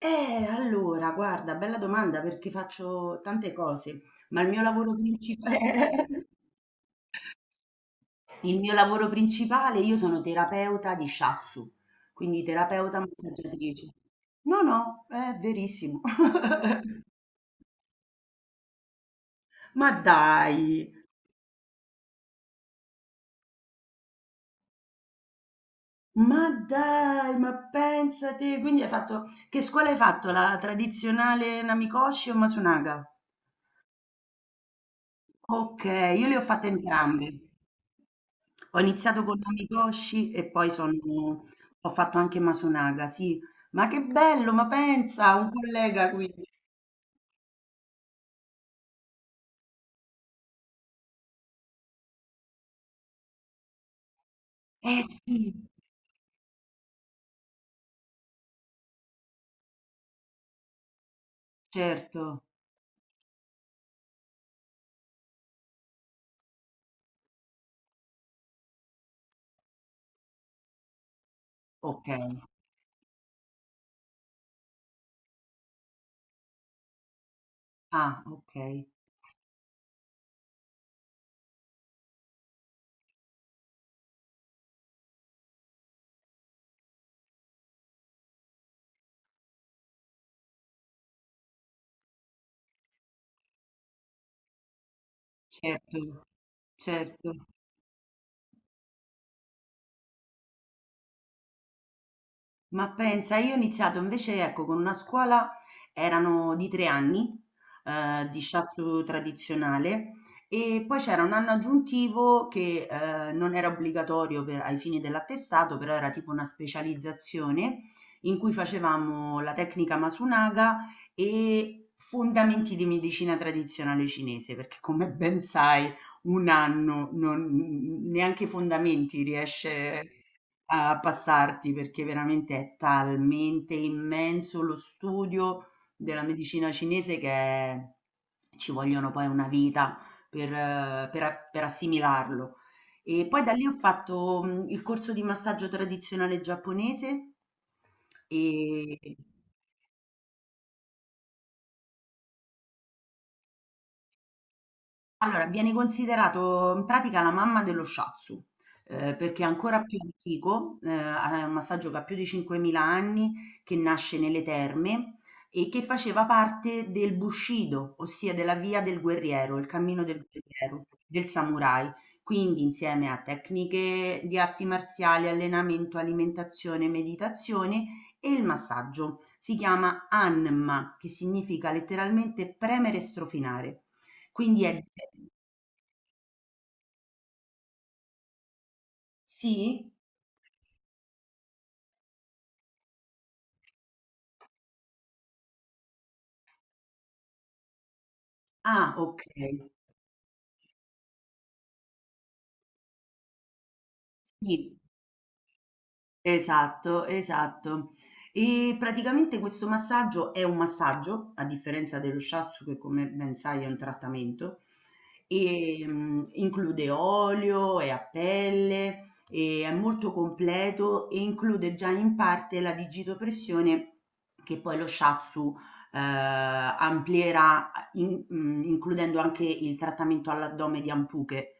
Allora, guarda, bella domanda perché faccio tante cose, ma il mio lavoro principale, il mio lavoro principale, io sono terapeuta di shiatsu, quindi terapeuta massaggiatrice. No, no, è verissimo. Ma dai, ma dai, ma pensate, quindi hai fatto, che scuola hai fatto? La tradizionale Namikoshi o Masunaga? Ok, io le ho fatte entrambe. Ho iniziato con l'amigoshi e poi sono ho fatto anche Masunaga, sì. Ma che bello, ma pensa, un collega qui. Eh sì, certo. Okay. Ah, okay. Certo, certo. Ma pensa, io ho iniziato invece, ecco, con una scuola, erano di 3 anni, di shiatsu tradizionale, e poi c'era un anno aggiuntivo che non era obbligatorio per- ai fini dell'attestato, però era tipo una specializzazione in cui facevamo la tecnica Masunaga e fondamenti di medicina tradizionale cinese, perché come ben sai, un anno non, neanche i fondamenti riesce a passarti, perché veramente è talmente immenso lo studio della medicina cinese che ci vogliono poi una vita per assimilarlo. E poi da lì ho fatto il corso di massaggio tradizionale giapponese e Allora, viene considerato in pratica la mamma dello shiatsu, perché è ancora più antico, ha è un massaggio che ha più di 5.000 anni, che nasce nelle terme e che faceva parte del Bushido, ossia della via del guerriero, il cammino del guerriero, del samurai. Quindi insieme a tecniche di arti marziali, allenamento, alimentazione, meditazione e il massaggio. Si chiama Anma, che significa letteralmente premere e strofinare. Quindi è Sì? Ah, okay. Sì, esatto, esatto. E praticamente questo massaggio è un massaggio, a differenza dello shiatsu che come ben sai è un trattamento, include olio, è a pelle, e è molto completo e include già in parte la digitopressione che poi lo shiatsu, ehm, amplierà includendo anche il trattamento all'addome di Ampuché.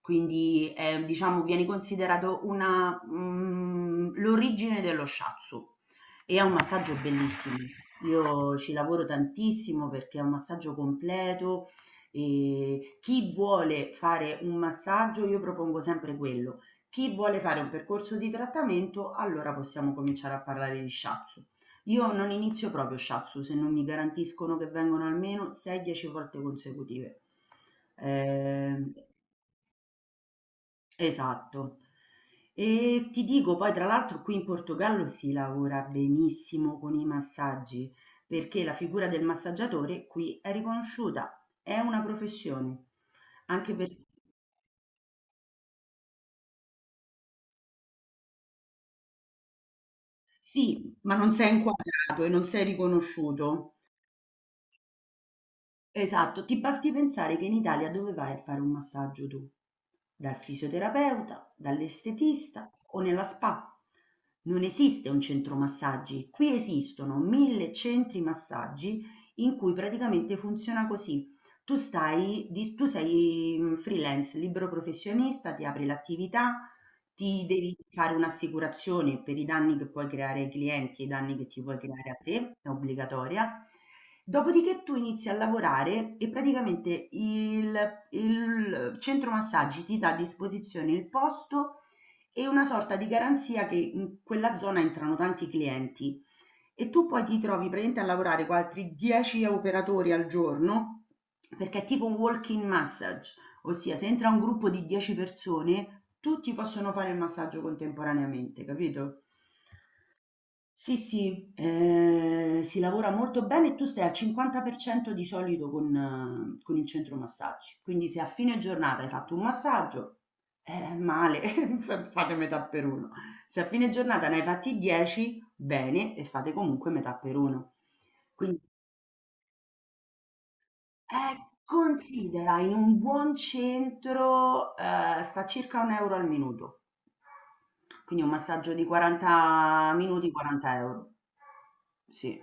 Quindi, diciamo viene considerato l'origine dello shiatsu e è un massaggio bellissimo. Io ci lavoro tantissimo perché è un massaggio completo e chi vuole fare un massaggio io propongo sempre quello. Chi vuole fare un percorso di trattamento, allora possiamo cominciare a parlare di shiatsu. Io non inizio proprio shiatsu se non mi garantiscono che vengono almeno 6-10 volte consecutive. Ehm Esatto. E ti dico poi tra l'altro qui in Portogallo si lavora benissimo con i massaggi, perché la figura del massaggiatore qui è riconosciuta, è una professione. Anche per... Sì, ma non sei inquadrato e non sei riconosciuto. Esatto, ti basti pensare che in Italia dove vai a fare un massaggio tu? Dal fisioterapeuta, dall'estetista o nella spa? Non esiste un centro massaggi, qui esistono mille centri massaggi in cui praticamente funziona così. Tu sei freelance, libero professionista, ti apri l'attività, ti devi fare un'assicurazione per i danni che puoi creare ai clienti e i danni che ti puoi creare a te, è obbligatoria. Dopodiché tu inizi a lavorare e praticamente il centro massaggi ti dà a disposizione il posto e una sorta di garanzia che in quella zona entrano tanti clienti e tu poi ti trovi praticamente a lavorare con altri 10 operatori al giorno perché è tipo un walk-in massage. Ossia, se entra un gruppo di 10 persone, tutti possono fare il massaggio contemporaneamente, capito? Sì, sì, si lavora molto bene e tu stai al 50% di solito con il centro massaggi. Quindi se a fine giornata hai fatto un massaggio, male, fate metà per uno. Se a fine giornata ne hai fatti 10, bene, e fate comunque metà per uno. Quindi, Eh, considera in un buon centro, sta circa 1 € al minuto. Quindi un massaggio di 40 minuti, 40 €. Sì.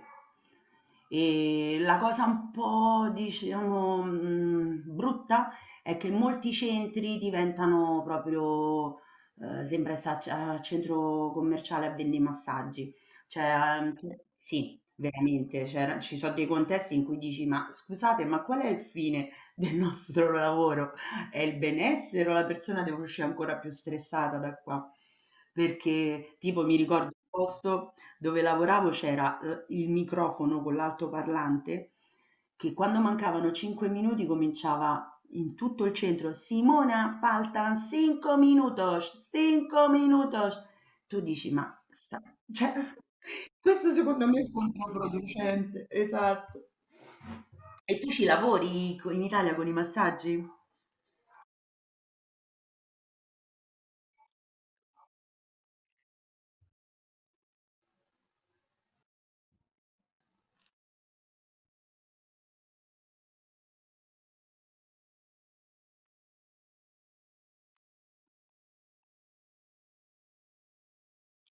E la cosa un po' diciamo, brutta è che molti centri diventano proprio, sembra sta c a centro commerciale a vende i massaggi. Cioè, sì, veramente, c'era ci so' dei contesti in cui dici: "Ma scusate, ma qual è il fine del nostro lavoro? È il benessere o la persona deve uscire ancora più stressata da qua?" Perché tipo mi ricordo un posto dove lavoravo c'era, il microfono con l'altoparlante che quando mancavano 5 minuti cominciava in tutto il centro: "Simona faltan cinco minutos, cinco minutos". Tu dici, sta- cioè, questo secondo me è controproducente, esatto. E tu ci lavori co- in Italia con i massaggi?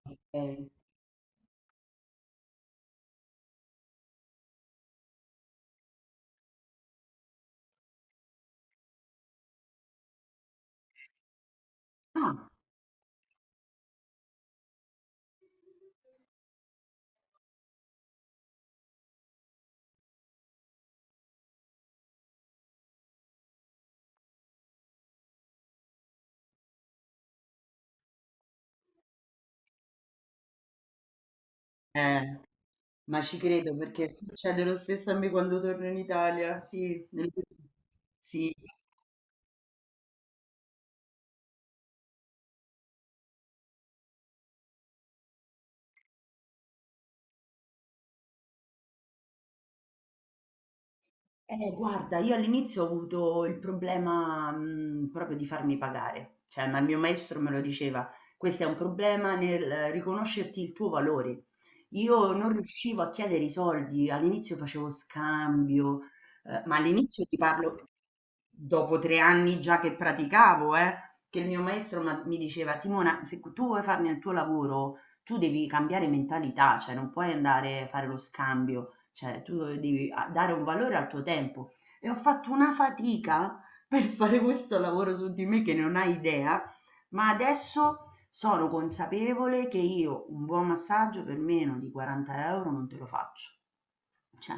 Ok. Ah, eh, ma ci credo perché succede lo stesso a me quando torno in Italia, sì. Sì. Guarda, io all'inizio ho avuto il problema, proprio di farmi pagare, cioè, ma il mio maestro me lo diceva: "Questo è un problema nel riconoscerti il tuo valore". Io non riuscivo a chiedere i soldi, all'inizio facevo scambio, ma all'inizio ti parlo dopo 3 anni già che praticavo, che il mio maestro m'ha mi diceva: "Simona, se tu vuoi farne il tuo lavoro, tu devi cambiare mentalità, cioè non puoi andare a fare lo scambio". Cioè, tu devi dare un valore al tuo tempo. E ho fatto una fatica per fare questo lavoro su di me che non hai idea, ma adesso sono consapevole che io un buon massaggio per meno di 40 € non te lo faccio. Cioè,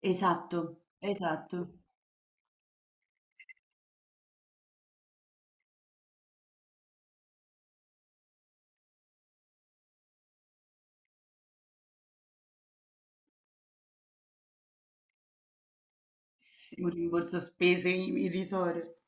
esatto, esatto. Sì, un rimborso spese irrisorio.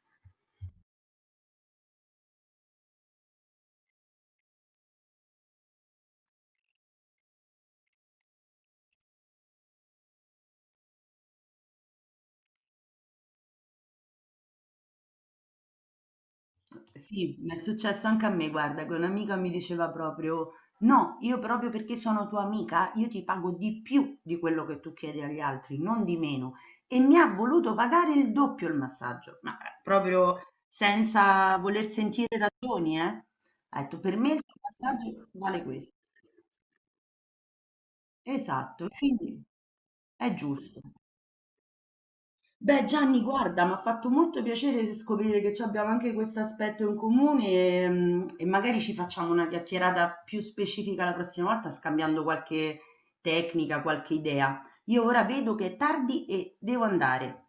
Sì, mi è successo anche a me, guarda, che un'amica mi diceva proprio: No, io proprio perché sono tua amica, io ti pago di più di quello che tu chiedi agli altri, non di meno. E mi ha voluto pagare il doppio il massaggio, ma proprio senza voler sentire ragioni, eh. Ha detto: Per me il tuo massaggio vale questo. Esatto, quindi è giusto. Beh Gianni, guarda, mi ha fatto molto piacere scoprire che ci abbiamo anche questo aspetto in comune e magari ci facciamo una chiacchierata più specifica la prossima volta, scambiando qualche tecnica, qualche idea. Io ora vedo che è tardi e devo andare.